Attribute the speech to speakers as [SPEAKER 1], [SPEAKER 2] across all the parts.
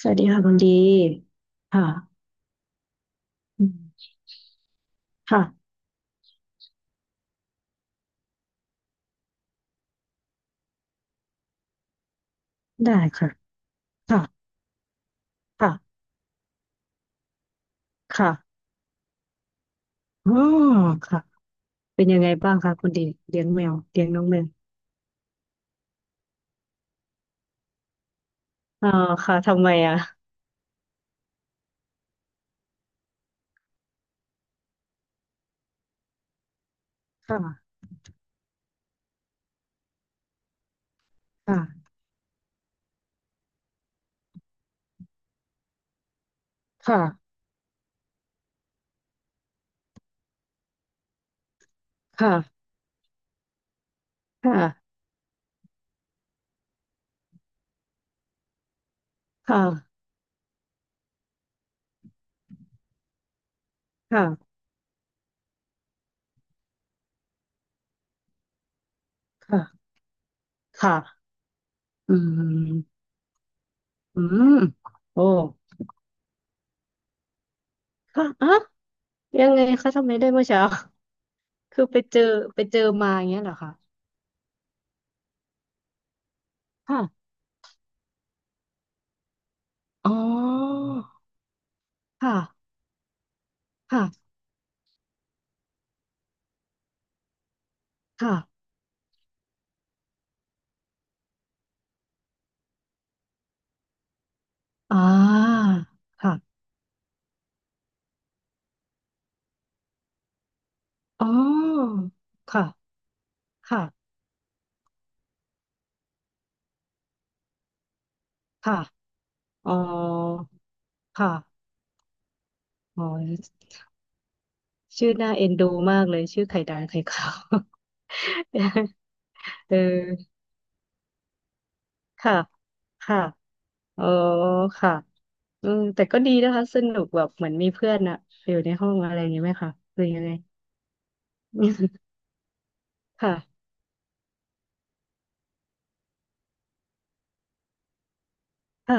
[SPEAKER 1] สวัสดีค่ะคุณดีค่ะอืมค่ะได้ค่ะค่ะค่ะค่ะอ๋อค่ะเป็นยังไงบ้างคะคุณดีเลี้ยงแมวเลี้ยงน้องแมวอ๋อค่ะทำไมอ่ะค่ะค่ะค่ะค่ะค่ะค่ะค่ะค่ะค่ะอืมอืมโอ้ค่ะอ่ะยังไงคะทำไมได้เมื่อเช้าคือไปเจอไปเจอมาอย่างเงี้ยเหรอคะค่ะอ๋อค่ะค่ะค่ะอ่าค่ะ อ๋อค่ะ ค่ะ ค่ะ อ๋อ ค่ะ อ๋อชื่อน่าเอ็นดูมากเลยชื่อไข่ดำไข่ขาว เออค่ะค่ะ อ๋อ ค่ะเออแต่ก็ดีนะคะสนุกแบบเหมือนมีเพื่อนอะอยู่ในห้องอะไรอย่างเงี้ยไหมคะหรือยังไง ค่ะค่ะ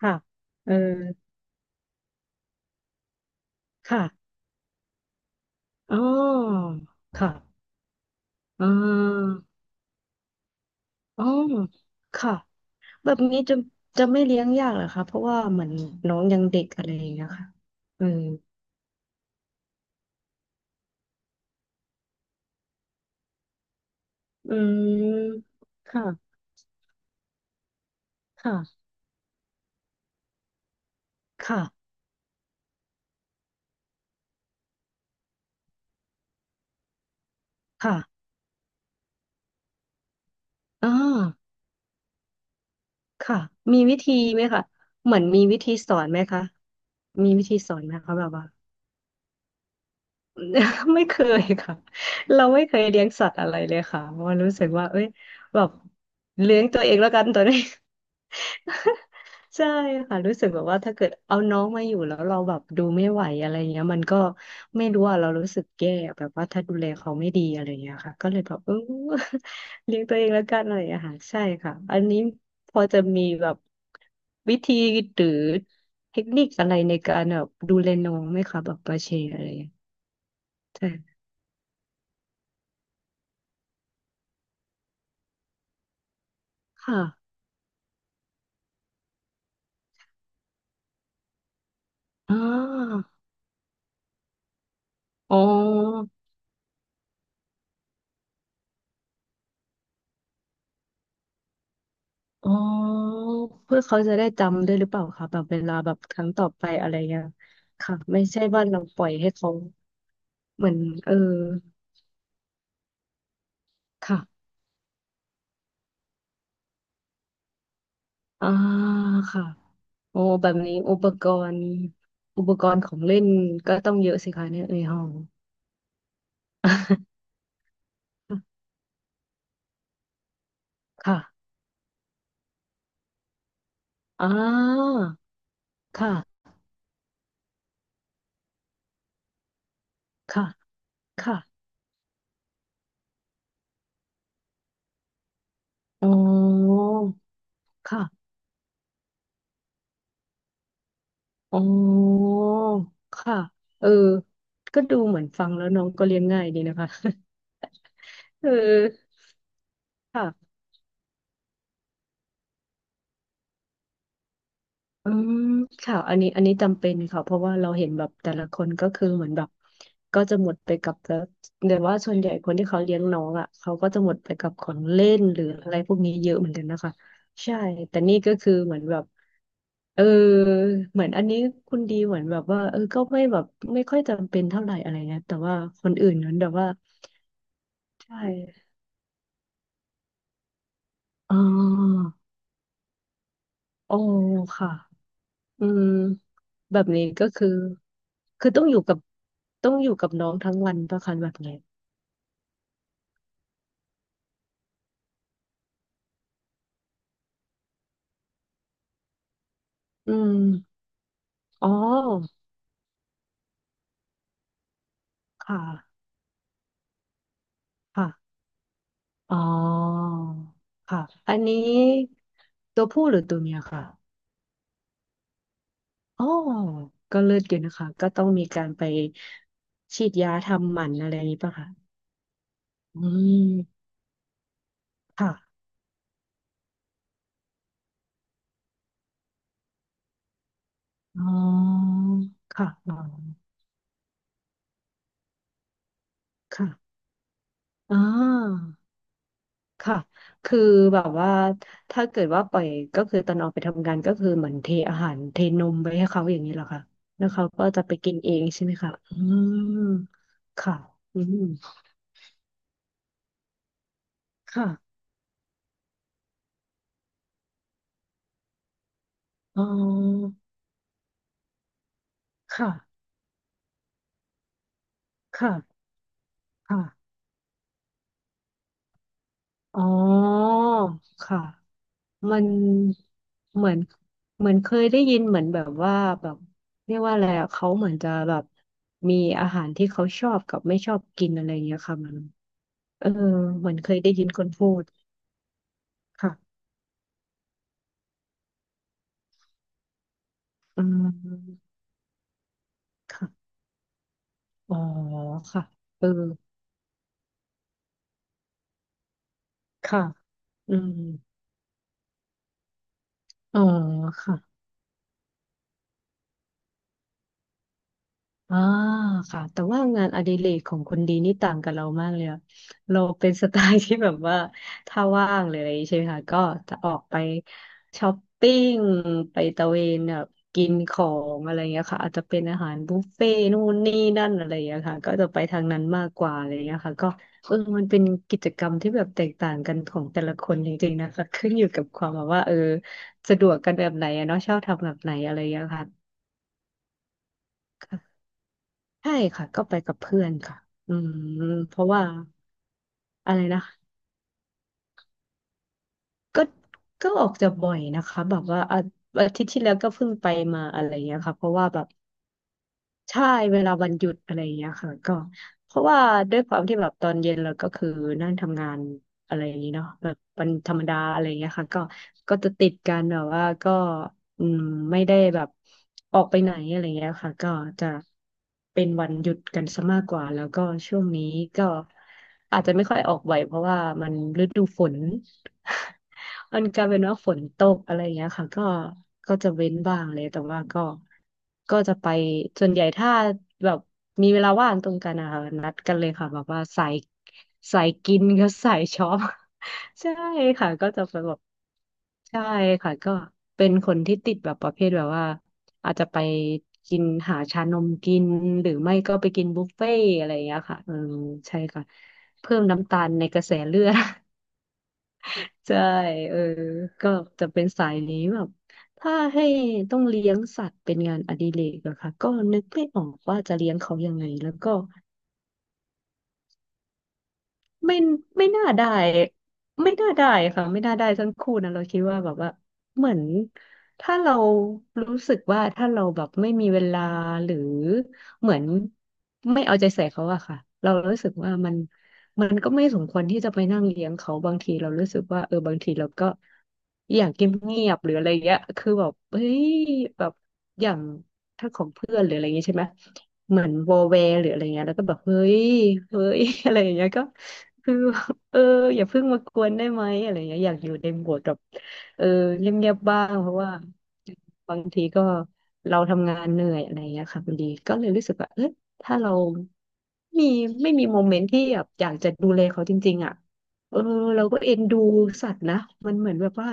[SPEAKER 1] ค่ะเออค่ะอ๋อค่ะอ๋ออ๋อค่ะ แบบนี้จะไม่เลี้ยงยากเหรอคะเพราะว่าเหมือนน้องยังเด็กอะไรอย่างเงี้ยค่ะเอออืมค่ะค่ะค่ะค่ะอ่าค่ะมีวิธีไหมคะเหมือนมีวิธีสอนไหมคะมีวิธีสอนไหมคะแบบว่า ไม่เคยค่ะเราไม่เคยเลี้ยงสัตว์อะไรเลยค่ะเพราะว่ารู้สึกว่าเอ้ยแบบเลี้ยงตัวเองแล้วกันตอนนี้ ใช่ค่ะรู้สึกแบบว่าถ้าเกิดเอาน้องมาอยู่แล้วเราแบบดูไม่ไหวอะไรเงี้ยมันก็ไม่รู้อะเรารู้สึกแย่แบบว่าถ้าดูแลเขาไม่ดีอะไรเงี้ยค่ะก็เลยแบบเออ เลี้ยงตัวเองแล้วกันอะไรอ่างค่ะใช่ค่ะอันนี้พอจะมีแบบวิธีหรือเทคนิคอะไรในการแบบดูแลน้องไหมคะแบบปาเชอะไรอย่างเงี้ย ค่ะอ่าอ๋ออ๋อเพื่อเขาจะได้จำด้วยหรือเปล่าคะแบบเวลาแบบครั้งต่อไปอะไรเงี้ยค่ะไม่ใช่ว่าเราปล่อยให้เขาเหมือนเออค่ะอ่าค่ะโอ้แบบนี้อุปกรณ์อุปกรณ์ของเล่นก็ต้องเยอะสิคะเนี่ยในห้อง ค่ะอ่าค่ะค่ะค่ะอ๋อค่ะ อ๋อค่ะเออก็ดูเหมือนฟังแล้วน้องก็เลี้ยงง่ายดีนะคะ เออค่ะอืมค่ะอันนี้อันนี้จำเป็นค่ะเพราะว่าเราเห็นแบบแต่ละคนก็คือเหมือนแบบก็จะหมดไปกับแล้วเดี๋ยวว่าส่วนใหญ่คนที่เขาเลี้ยงน้องอ่ะเขาก็จะหมดไปกับของเล่นหรืออะไรพวกนี้เยอะเหมือนกันนะคะใช่ แต่นี่ก็คือเหมือนแบบ เออ เหมือนอันนี้คุณดีเหมือนแบบว่าเออก็ไม่แบบไม่ค่อยจำเป็นเท่าไหร่อะไรเงี้ยแต่ว่าคนอื่นนั้นแบบว่า ใช่อ๋ออ๋อค่ะอืมแบบนี้ก็คือคือต้องอยู่กับน้องทั้งวันประคันแบบนี้อืมอ๋อค่ะค่ะอ๋อค่ะอันนี้ตัวผู้หรือตัวเมียค่ะอ๋อก็เลือดอยู่นะคะก็ต้องมีการไปฉีดยาทำหมันอะไรอย่างนี้ป่ะคะอืมค่ะอ๋อค่ะอ๋อค่ะอ๋อ ค่ะ คือแบบว่าถ้าเกิดว่าปล่อยก็คือตอนออกไปทำงานก็คือเหมือนเทอาหารเทนมไปให้เขาอย่างนี้เหรอคะแล้วเขาก็จะไปกินเองใช่ไหมคะอืมค่ะ อืมค่ะอ๋อค่ะค่ะค่ะอ๋อค่ะ มันเหมือนเหมือนเคยได้ยินเหมือนแบบว่าแบบเรียกว่าอะไรอะเขาเหมือนจะแบบมีอาหารที่เขาชอบกับไม่ชอบกินอะไรอย่างเงี้ยค่ะมันเออเหมือนเคยได้ยินคนพูดค่ะอืมค่ะอ๋อค่ะเออค่ะอืมอ๋อค่ะ อ่าค่ะแต่ว่างานอดิเรกของคนดีนี่ต่างกับเรามากเลยอะเราเป็นสไตล์ที่แบบว่าถ้าว่างเลยอะไรอย่างงี้ใช่ไหมคะก็จะออกไปช้อปปิ้งไปตะเวนแบบกินของอะไรอย่างเงี้ยค่ะอาจจะเป็นอาหารบุฟเฟ่ต์นู่นนี่นั่นอะไรอย่างเงี้ยค่ะก็จะไปทางนั้นมากกว่าอะไรอย่างเงี้ยค่ะก็เออมันเป็นกิจกรรมที่แบบแตกต่างกันของแต่ละคนจริงๆนะคะขึ้นอยู่กับความแบบว่าเออสะดวกกันแบบไหนอะเนาะชอบทำแบบไหนอะไรอย่างเงี้ยค่ะ ใช่ค่ะก็ไปกับเพื่อนค่ะอืมเพราะว่าอะไรนะก็ออกจะบ่อยนะคะแบบว่าอาอาทิตย์ที่แล้วก็เพิ่งไปมาอะไรเงี้ยค่ะเพราะว่าแบบ ใช่เวลาวันหยุดอะไรอย่างเงี้ยค่ะก็เพราะว่าด้วยความที่แบบตอนเย็นเราก็คือนั่งทำงานอะไรอย่างนี้เนาะแบบวันธรรมดาอะไรอย่างเงี้ยค่ะก็ก็จะติดกันแบบว่าก็อืมไม่ได้แบบออกไปไหนอะไรเงี้ยค่ะก็จะเป็นวันหยุดกันซะมากกว่าแล้วก็ช่วงนี้ก็อาจจะไม่ค่อยออกบ่อยเพราะว่ามันฤดูฝน มันกลายเป็นว่าฝนตกอะไรอย่างเงี้ยค่ะก็ก็จะเว้นบ้างเลยแต่ว่าก็ก็จะไปส่วนใหญ่ถ้าแบบมีเวลาว่างตรงกันนะคะนัดกันเลยค่ะแบบว่าสายสายกินกับสายช็อป ใช่ค่ะก็จะไปแบบใช่ค่ะก็เป็นคนที่ติดแบบประเภทแบบว่าอาจจะไปกินหาชานมกินหรือไม่ก็ไปกินบุฟเฟ่ต์อะไรอย่างเงี้ยค่ะเออใช่ค่ะเพิ่มน้ำตาลในเลือด ใช่เออก็จะเป็นสายนี้แบบถ้าให้ต้องเลี้ยงสัตว์เป็นงานอดิเรกเหรอคะก็นึกไม่ออกว่าจะเลี้ยงเขายังไงแล้วก็ ไม่ไม่น่าได้ไม่น่าได้ค่ะไม่น่าได้ทั้งคู่นะเราคิดว่าแบบว่าเหมือนถ้าเรารู้สึกว่าถ้าเราแบบไม่มีเวลาหรือเหมือนไม่เอาใจใส่เขาอะค่ะเรารู้สึกว่ามันก็ไม่สมควรที่จะไปนั่งเลี้ยงเขาบางทีเรารู้สึกว่าเออบางทีเราก็อยากเงียบๆหรืออะไรเงี้ยคือแบบเฮ้ยแบบอย่างถ้าของเพื่อนหรืออะไรเงงี้ยใช่ไหม เหมือนวอลแวร์หรืออะไรเงี้ยแล้วก็แบบเฮ้ย อะไรอย่างเงี้ยก็คือ เอออย่าเพิ่งมากวนได้ไหมอะไรเงี้ยอยากอยู่ในโหมดแบบเออเงียบๆบ้างเพราะว่าบางทีก็เราทำงานเหนื่อยอะไรเงี้ยค่ะพอดีก็เลยรู้สึกว่าเออถ้าเรามีไม่มีโมเมนต์ที่แบบอยากจะดูแลเขาจริงๆอ่ะเออเราก็เอ็นดูสัตว์นะมันเหมือนแบบว่า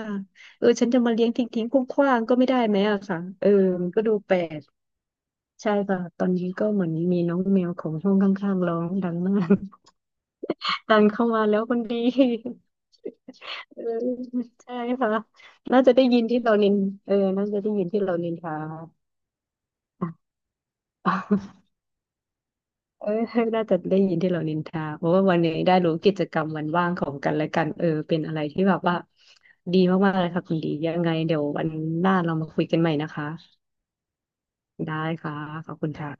[SPEAKER 1] เออฉันจะมาเลี้ยงทิ้งๆคว้างๆก็ไม่ได้ไหมอะค่ะเออมันก็ดูแปลก ใช่ค่ะตอนนี้ก็เหมือนมีน้องแมวของห้องข้างๆร้องดังมาก ดังเข้ามาแล้วคนดีเออ ใช่ค่ะน่าจะได้ยินที่เรานินเออน่าจะได้ยินที่เรานินทาอ่ะ เออน่าจะได้ยินที่เรานินทาเพราะว่าวันนี้ได้รู้กิจกรรมวันว่างของกันและกันเออเป็นอะไรที่แบบว่าดีมากๆเลยค่ะคุณดียังไงเดี๋ยววันหน้าเรามาคุยกันใหม่นะคะได้ค่ะขอบคุณค่ะ